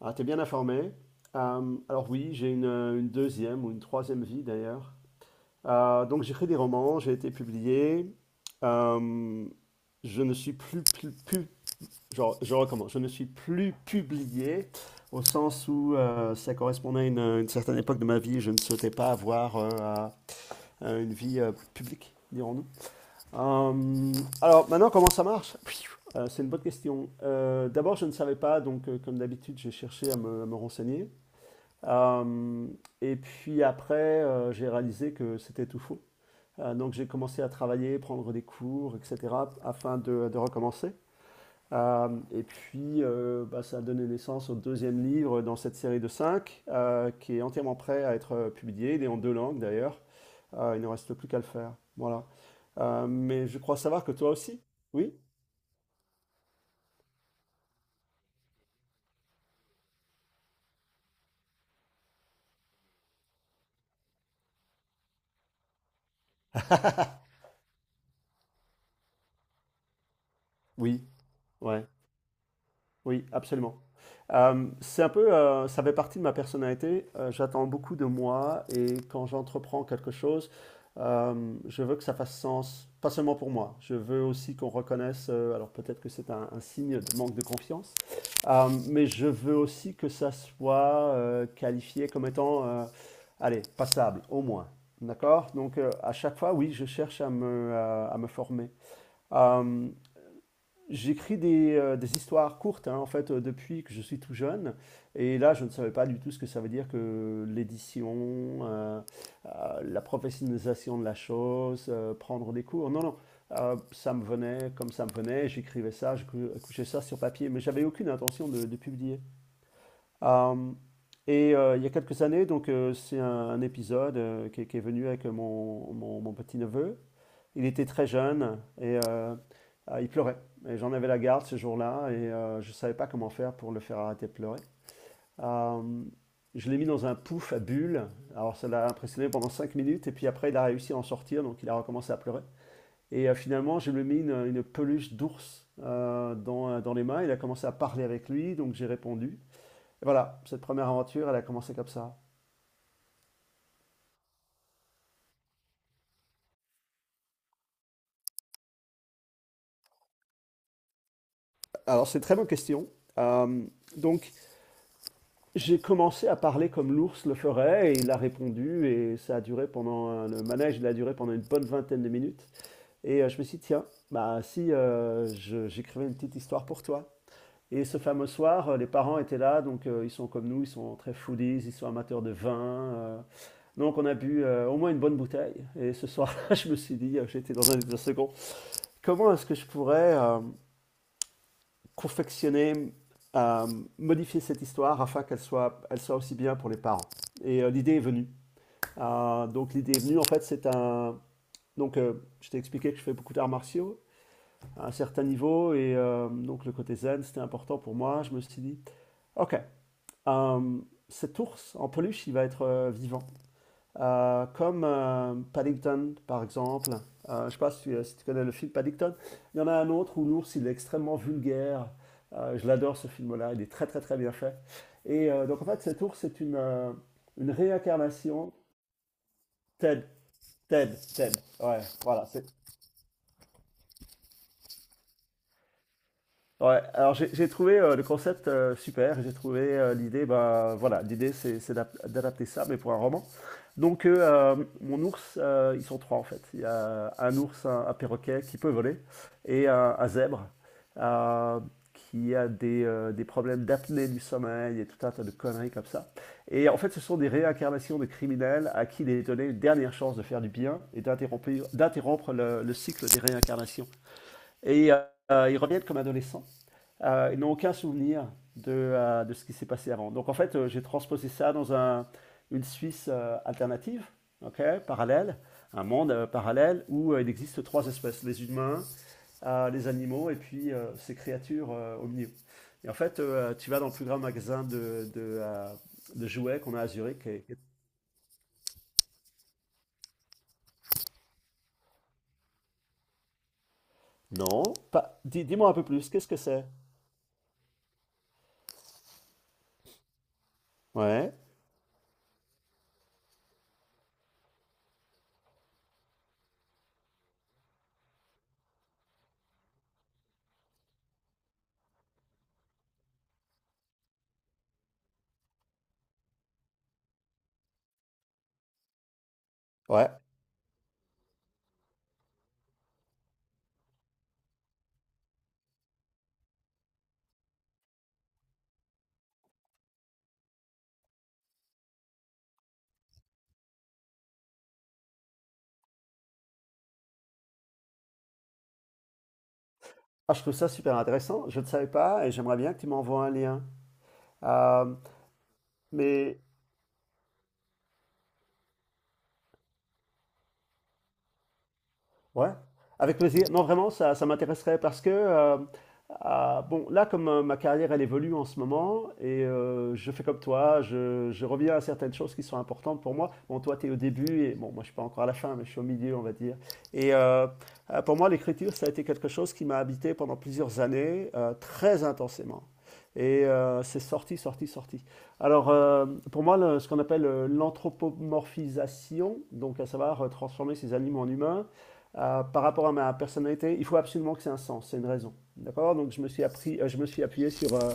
Ah, t'es bien informé. Alors oui, j'ai une deuxième ou une troisième vie d'ailleurs. Donc j'écris des romans, j'ai été publié. Euh, je ne suis plus, plus, plus- Genre, je recommence, je ne suis plus publié au sens où ça correspondait à une certaine époque de ma vie. Je ne souhaitais pas avoir à une vie publique, dirons-nous. Euh, alors maintenant, comment ça marche? C'est une bonne question. D'abord, je ne savais pas, donc comme d'habitude, j'ai cherché à me renseigner. Euh, et puis après, j'ai réalisé que c'était tout faux. Donc j'ai commencé à travailler, prendre des cours, etc., afin de recommencer. Et puis, bah, ça a donné naissance au deuxième livre dans cette série de cinq, qui est entièrement prêt à être publié. Il est en deux langues d'ailleurs. Il ne reste plus qu'à le faire. Voilà. Mais je crois savoir que toi aussi. Oui? Oui, ouais. Oui, absolument. C'est un peu, ça fait partie de ma personnalité. J'attends beaucoup de moi et quand j'entreprends quelque chose, je veux que ça fasse sens, pas seulement pour moi. Je veux aussi qu'on reconnaisse, alors peut-être que c'est un signe de manque de confiance, mais je veux aussi que ça soit qualifié comme étant, allez, passable, au moins. D'accord? Donc à chaque fois, oui, je cherche à me former. Euh, J'écris des histoires courtes, hein, en fait, depuis que je suis tout jeune. Et là, je ne savais pas du tout ce que ça veut dire que l'édition, la professionnalisation de la chose, prendre des cours. Non, non. Ça me venait comme ça me venait. J'écrivais ça, couchais ça sur papier, mais j'avais aucune intention de publier. Euh, il y a quelques années, donc c'est un épisode qui est venu avec mon petit-neveu. Il était très jeune et il pleurait. Et j'en avais la garde ce jour-là et je ne savais pas comment faire pour le faire arrêter de pleurer. Euh, je l'ai mis dans un pouf à bulles. Alors ça l'a impressionné pendant 5 minutes et puis après il a réussi à en sortir, donc il a recommencé à pleurer. Et finalement je lui ai mis une peluche d'ours dans les mains. Il a commencé à parler avec lui, donc j'ai répondu. Et voilà, cette première aventure, elle a commencé comme ça. Alors c'est une très bonne question. Euh, donc J'ai commencé à parler comme l'ours le ferait et il a répondu, et ça a duré pendant le manège, il a duré pendant une bonne vingtaine de minutes. Et je me suis dit, tiens, bah si j'écrivais une petite histoire pour toi. Et ce fameux soir, les parents étaient là, donc ils sont comme nous, ils sont très foodies, ils sont amateurs de vin. euh, donc on a bu au moins une bonne bouteille. Et ce soir-là, je me suis dit, j'étais dans un second, comment est-ce que je pourrais confectionner, euh, modifier cette histoire afin qu'elle soit aussi bien pour les parents. Et l'idée est venue. Donc l'idée est venue, en fait, Donc je t'ai expliqué que je fais beaucoup d'arts martiaux à un certain niveau, et donc le côté zen, c'était important pour moi. Je me suis dit, ok, euh, cet ours en peluche, il va être vivant comme Paddington, par exemple. Je ne sais pas si tu connais le film Paddington. Il y en a un autre où l'ours, il est extrêmement vulgaire. Je l'adore ce film-là, il est très très très bien fait. Et donc en fait, cet ours, c'est une réincarnation. Ted, Ted, Ted. Ouais, voilà. Ouais, alors j'ai trouvé le concept super, j'ai trouvé l'idée, bah voilà, l'idée c'est d'adapter ça, mais pour un roman. Donc, mon ours, ils sont trois en fait. Il y a un ours, un perroquet qui peut voler et un zèbre euh, qui a des problèmes d'apnée du sommeil et tout un tas de conneries comme ça. Et en fait, ce sont des réincarnations de criminels à qui il est donné une dernière chance de faire du bien et d'interrompre le cycle des réincarnations. Et ils reviennent comme adolescents. Ils n'ont aucun souvenir de ce qui s'est passé avant. Donc en fait, j'ai transposé ça dans une Suisse alternative, ok, parallèle, un monde parallèle où il existe trois espèces, les humains, les animaux et puis ces créatures omnivores. Et en fait, tu vas dans le plus grand magasin de jouets qu'on a à Zurich. Non, pas... dis, moi un peu plus, qu'est-ce que c'est? Ouais, ouais. Ah, je trouve ça super intéressant, je ne savais pas et j'aimerais bien que tu m'envoies un lien. Euh, mais Ouais, avec plaisir. Non, vraiment, ça m'intéresserait parce que, ah, bon, là, comme ma carrière, elle évolue en ce moment, et je fais comme toi, je reviens à certaines choses qui sont importantes pour moi. Bon, toi, tu es au début, et bon, moi, je suis pas encore à la fin, mais je suis au milieu, on va dire. Et pour moi, l'écriture, ça a été quelque chose qui m'a habité pendant plusieurs années, très intensément. Et c'est sorti, sorti, sorti. Alors, pour moi, ce qu'on appelle l'anthropomorphisation, donc à savoir transformer ces animaux en humains, par rapport à ma personnalité, il faut absolument que c'est un sens, c'est une raison. D'accord. Donc je me suis appuyé sur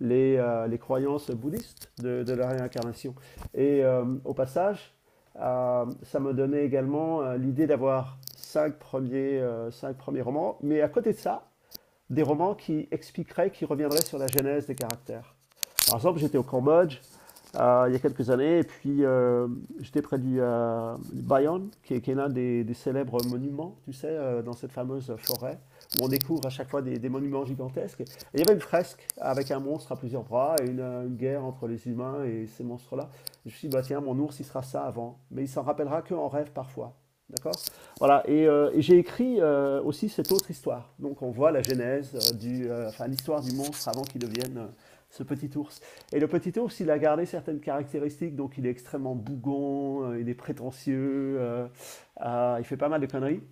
les croyances bouddhistes de la réincarnation. Et au passage, ça me donnait également l'idée d'avoir cinq premiers romans. Mais à côté de ça, des romans qui expliqueraient, qui reviendraient sur la genèse des caractères. Par exemple, j'étais au Cambodge il y a quelques années, et puis j'étais près du Bayon, qui est l'un des célèbres monuments, tu sais, dans cette fameuse forêt, où on découvre à chaque fois des monuments gigantesques. Et il y avait une fresque avec un monstre à plusieurs bras et une guerre entre les humains et ces monstres-là. Je me suis dit, bah tiens, mon ours, il sera ça avant, mais il s'en rappellera qu'en rêve parfois. D'accord. Voilà, et j'ai écrit aussi cette autre histoire. Donc on voit la genèse, enfin l'histoire du monstre avant qu'il devienne ce petit ours. Et le petit ours, il a gardé certaines caractéristiques, donc il est extrêmement bougon, il est prétentieux, il fait pas mal de conneries.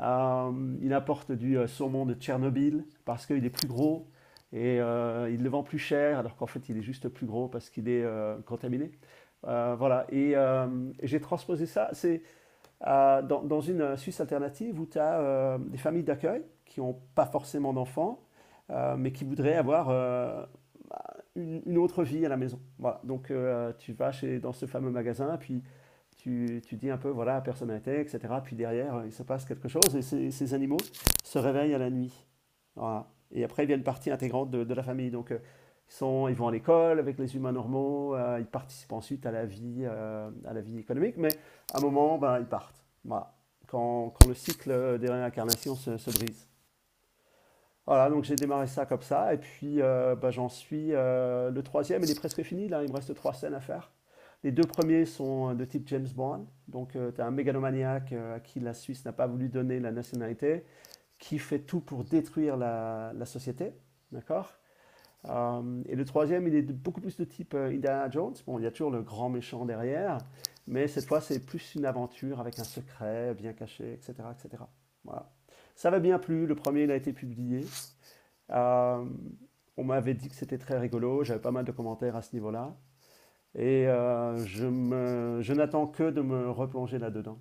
Il apporte du saumon de Tchernobyl parce qu'il est plus gros, et il le vend plus cher, alors qu'en fait il est juste plus gros parce qu'il est contaminé. Voilà, et j'ai transposé ça. C'est dans une Suisse alternative où tu as des familles d'accueil qui n'ont pas forcément d'enfants, mais qui voudraient avoir bah, autre vie à la maison. Voilà. Donc tu vas chez, dans ce fameux magasin, puis tu dis un peu, voilà, personne n'a été, etc. Puis derrière, il se passe quelque chose et ces animaux se réveillent à la nuit. Voilà. Et après, ils viennent partie intégrante de la famille. Donc, ils vont à l'école avec les humains normaux, ils participent ensuite à la vie économique, mais à un moment, ben, ils partent. Voilà. Quand le cycle des réincarnations se brise. Voilà, donc j'ai démarré ça comme ça, et puis ben, j'en suis le troisième, il est presque fini, là, il me reste trois scènes à faire. Les deux premiers sont de type James Bond, donc tu as un mégalomaniaque à qui la Suisse n'a pas voulu donner la nationalité, qui fait tout pour détruire la société, d'accord, et le troisième, il est beaucoup plus de type Indiana Jones. Bon, il y a toujours le grand méchant derrière, mais cette fois, c'est plus une aventure avec un secret bien caché, etc., etc. Voilà. Ça m'a bien plu. Le premier, il a été publié. Euh, on m'avait dit que c'était très rigolo. J'avais pas mal de commentaires à ce niveau-là. Et je n'attends que de me replonger là-dedans.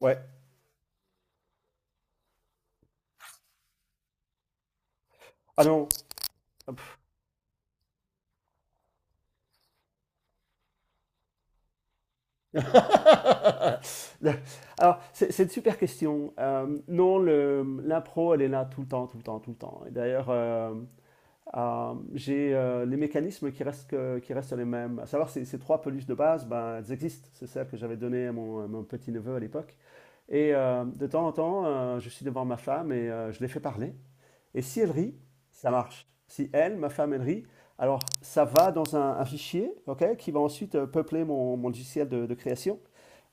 Ouais. Ah non. Alors, c'est une super question. Non, l'impro, elle est là tout le temps, tout le temps, tout le temps. Et d'ailleurs, j'ai les mécanismes qui restent, qui restent les mêmes. À savoir, ces trois peluches de base, ben, elles existent. C'est celles que j'avais données à mon petit-neveu à l'époque. Et de temps en temps, je suis devant ma femme et je les fais parler. Et si elle rit, ça marche. Si elle, ma femme, elle rit, alors ça va dans un fichier ok, qui va ensuite peupler mon logiciel de création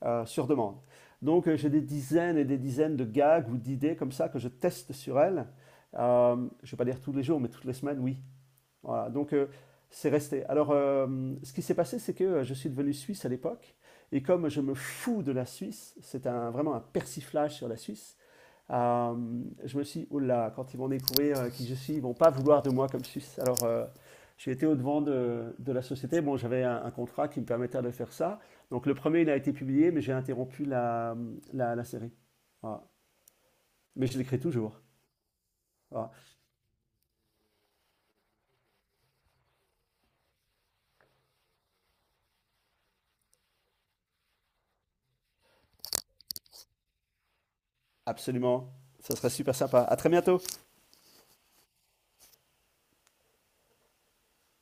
sur demande. Donc j'ai des dizaines et des dizaines de gags ou d'idées comme ça que je teste sur elle. Euh, je ne vais pas dire tous les jours, mais toutes les semaines, oui. Voilà, donc c'est resté. Alors, ce qui s'est passé, c'est que je suis devenu suisse à l'époque, et comme je me fous de la Suisse, c'est vraiment un persiflage sur la Suisse, euh, je me suis dit, oh là, quand ils vont découvrir qui je suis, ils ne vont pas vouloir de moi comme Suisse. Alors, j'ai été au-devant de la société. Bon, j'avais un contrat qui me permettait de faire ça. Donc, le premier, il a été publié, mais j'ai interrompu la série. Voilà. Mais je l'écris toujours. Voilà. Absolument. Ça serait super sympa. À très bientôt.